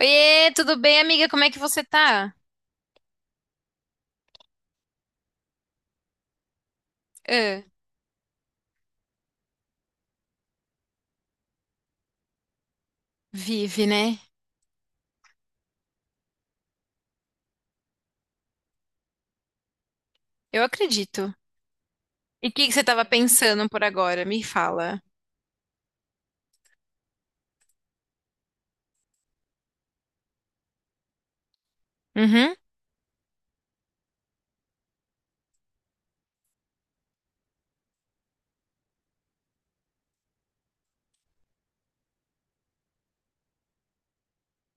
Oiê, tudo bem, amiga? Como é que você tá? Ah, vive, né? Eu acredito. E o que que você tava pensando por agora? Me fala. Uhum,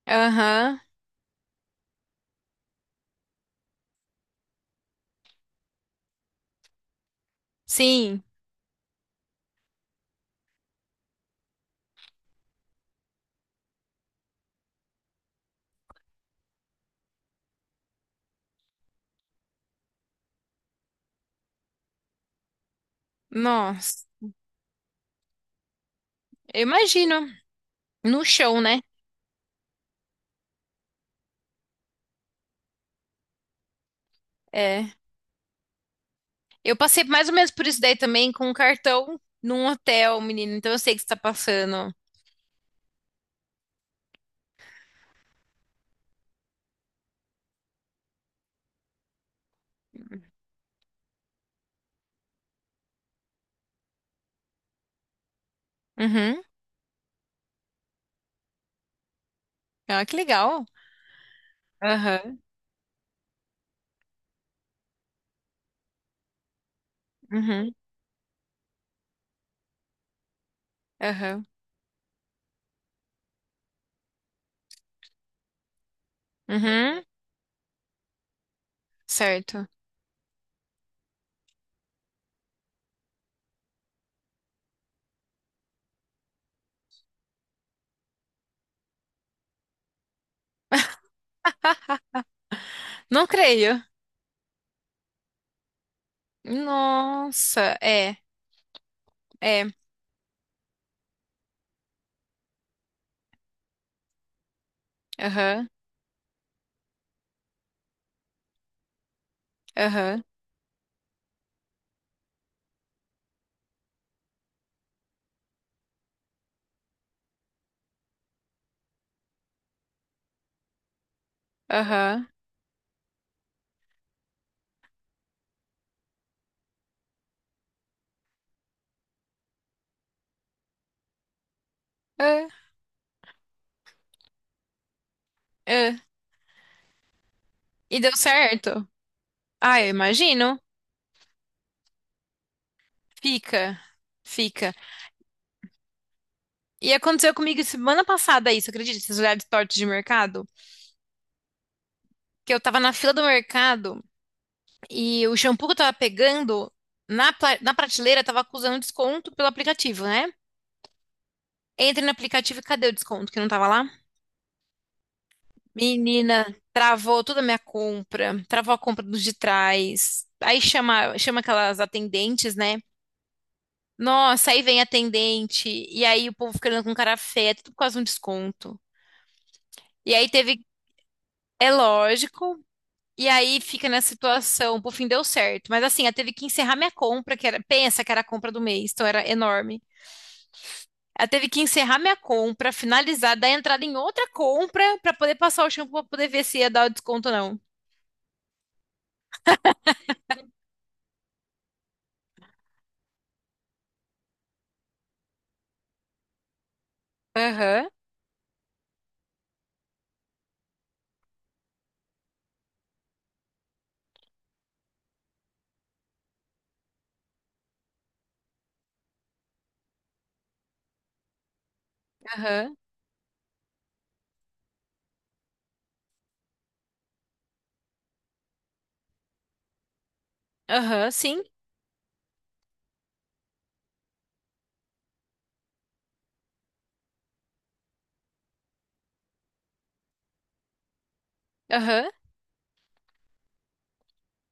aham, sim. Nossa, eu imagino. No chão, né? É. Eu passei mais ou menos por isso daí também com um cartão num hotel, menino. Então eu sei que você tá passando. Uhum. Ah, que legal. Aham, uhum, aham, uhum. Certo. Não creio. Nossa, é, é. Aham, aham. Aham. É, é. E deu certo. Ah, eu imagino. Fica. Fica. E aconteceu comigo semana passada isso, acredita? Esses olhares tortos de mercado. Que eu tava na fila do mercado e o shampoo que eu tava pegando na prateleira tava acusando desconto pelo aplicativo, né? Entrei no aplicativo e cadê o desconto que não tava lá? Menina, travou toda a minha compra, travou a compra dos de trás. Aí chama, chama aquelas atendentes, né? Nossa, aí vem atendente, e aí o povo ficando com cara feia, tudo por causa de um desconto. E aí teve, é lógico, e aí fica nessa situação, por fim deu certo. Mas assim, ela teve que encerrar minha compra, que era, pensa que era a compra do mês, então era enorme. Ela teve que encerrar minha compra, finalizar, dar entrada em outra compra pra poder passar o shampoo pra poder ver se ia dar o desconto ou não. Aham, aham, aham, sim, aham,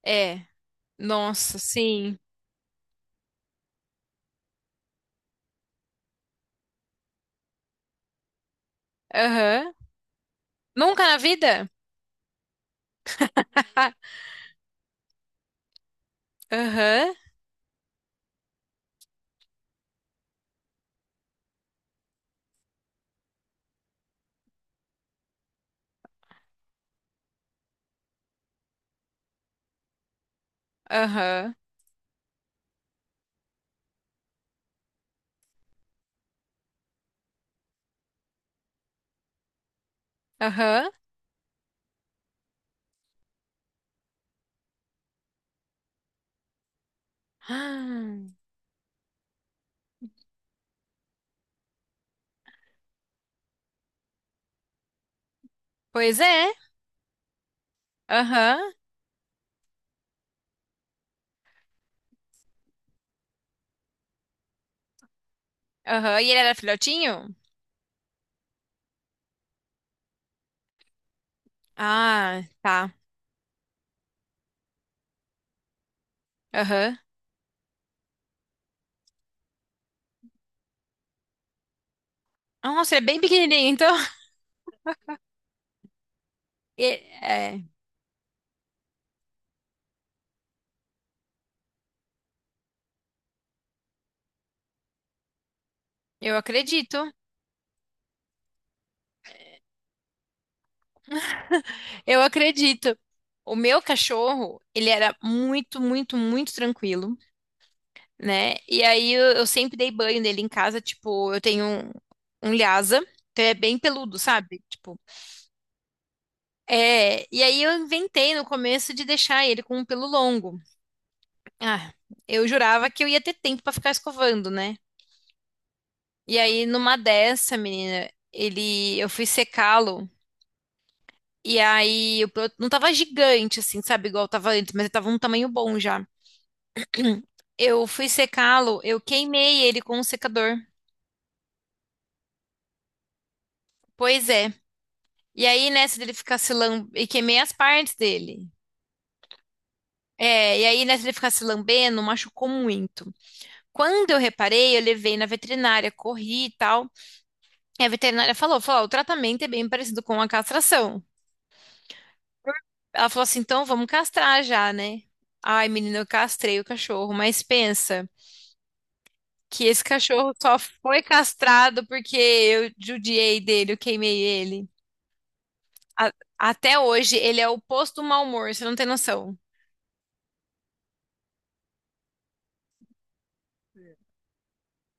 é. Nossa, sim, aham. Nunca na vida? Ah, aham, aham. Aham. Ah, pois é. Aham. Aham. E ele era filhotinho? Ah, tá. Aham. Nossa, ele é bem pequenininho, então. E- é, eu acredito. Eu acredito. O meu cachorro, ele era muito tranquilo, né? E aí eu sempre dei banho nele em casa. Tipo, eu tenho um Lhasa, então ele é bem peludo, sabe? Tipo, é. E aí eu inventei no começo de deixar ele com um pelo longo. Ah, eu jurava que eu ia ter tempo pra ficar escovando, né? E aí, numa dessa, menina, ele, eu fui secá-lo. E aí, eu não tava gigante, assim, sabe? Igual tava antes, mas ele tava um tamanho bom já. Eu fui secá-lo, eu queimei ele com o secador. Pois é. E aí, nessa dele ficar se lambendo, e queimei as partes dele. É, e aí, nessa dele ficar se lambendo, machucou muito. Quando eu reparei, eu levei na veterinária, corri e tal. E a veterinária falou, "Ó, o tratamento é bem parecido com a castração." Ela falou assim, então vamos castrar já, né? Ai, menina, eu castrei o cachorro, mas pensa que esse cachorro só foi castrado porque eu judiei dele, eu queimei ele. A- até hoje, ele é o oposto do mau humor, você não tem noção.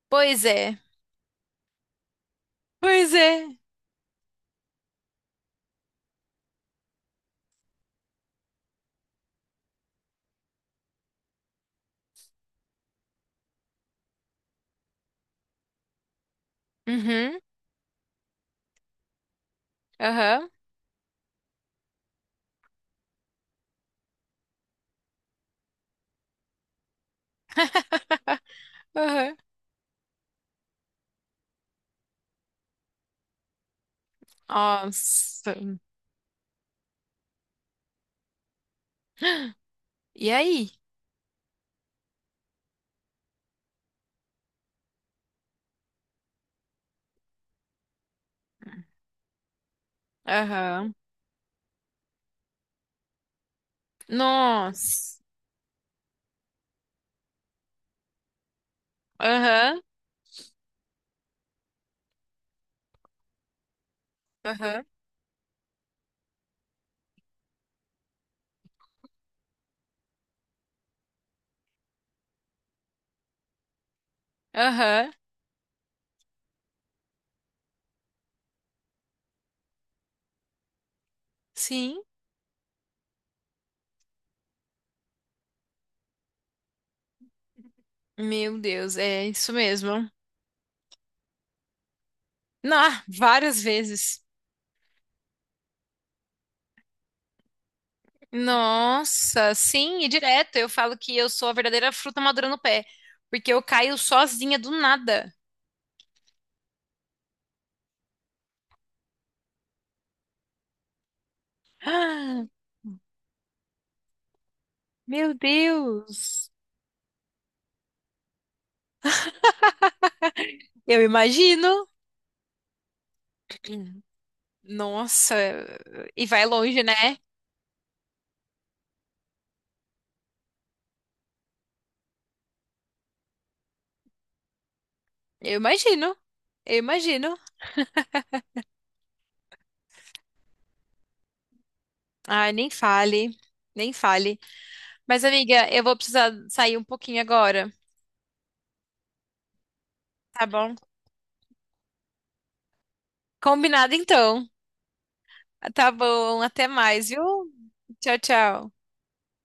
Pois é, pois é. Uhum, aham, aham. Nossa. E aí? Aham. Nossa. Aham, aham, aham. Sim. Meu Deus, é isso mesmo. Ah, várias vezes. Nossa, sim, e direto. Eu falo que eu sou a verdadeira fruta madura no pé, porque eu caio sozinha do nada. Ah, meu Deus! Eu imagino. Nossa, e vai longe, né? Eu imagino. Eu imagino. Ai, nem fale. Mas, amiga, eu vou precisar sair um pouquinho agora, tá bom? Combinado então. Tá bom, até mais, viu? Tchau, tchau.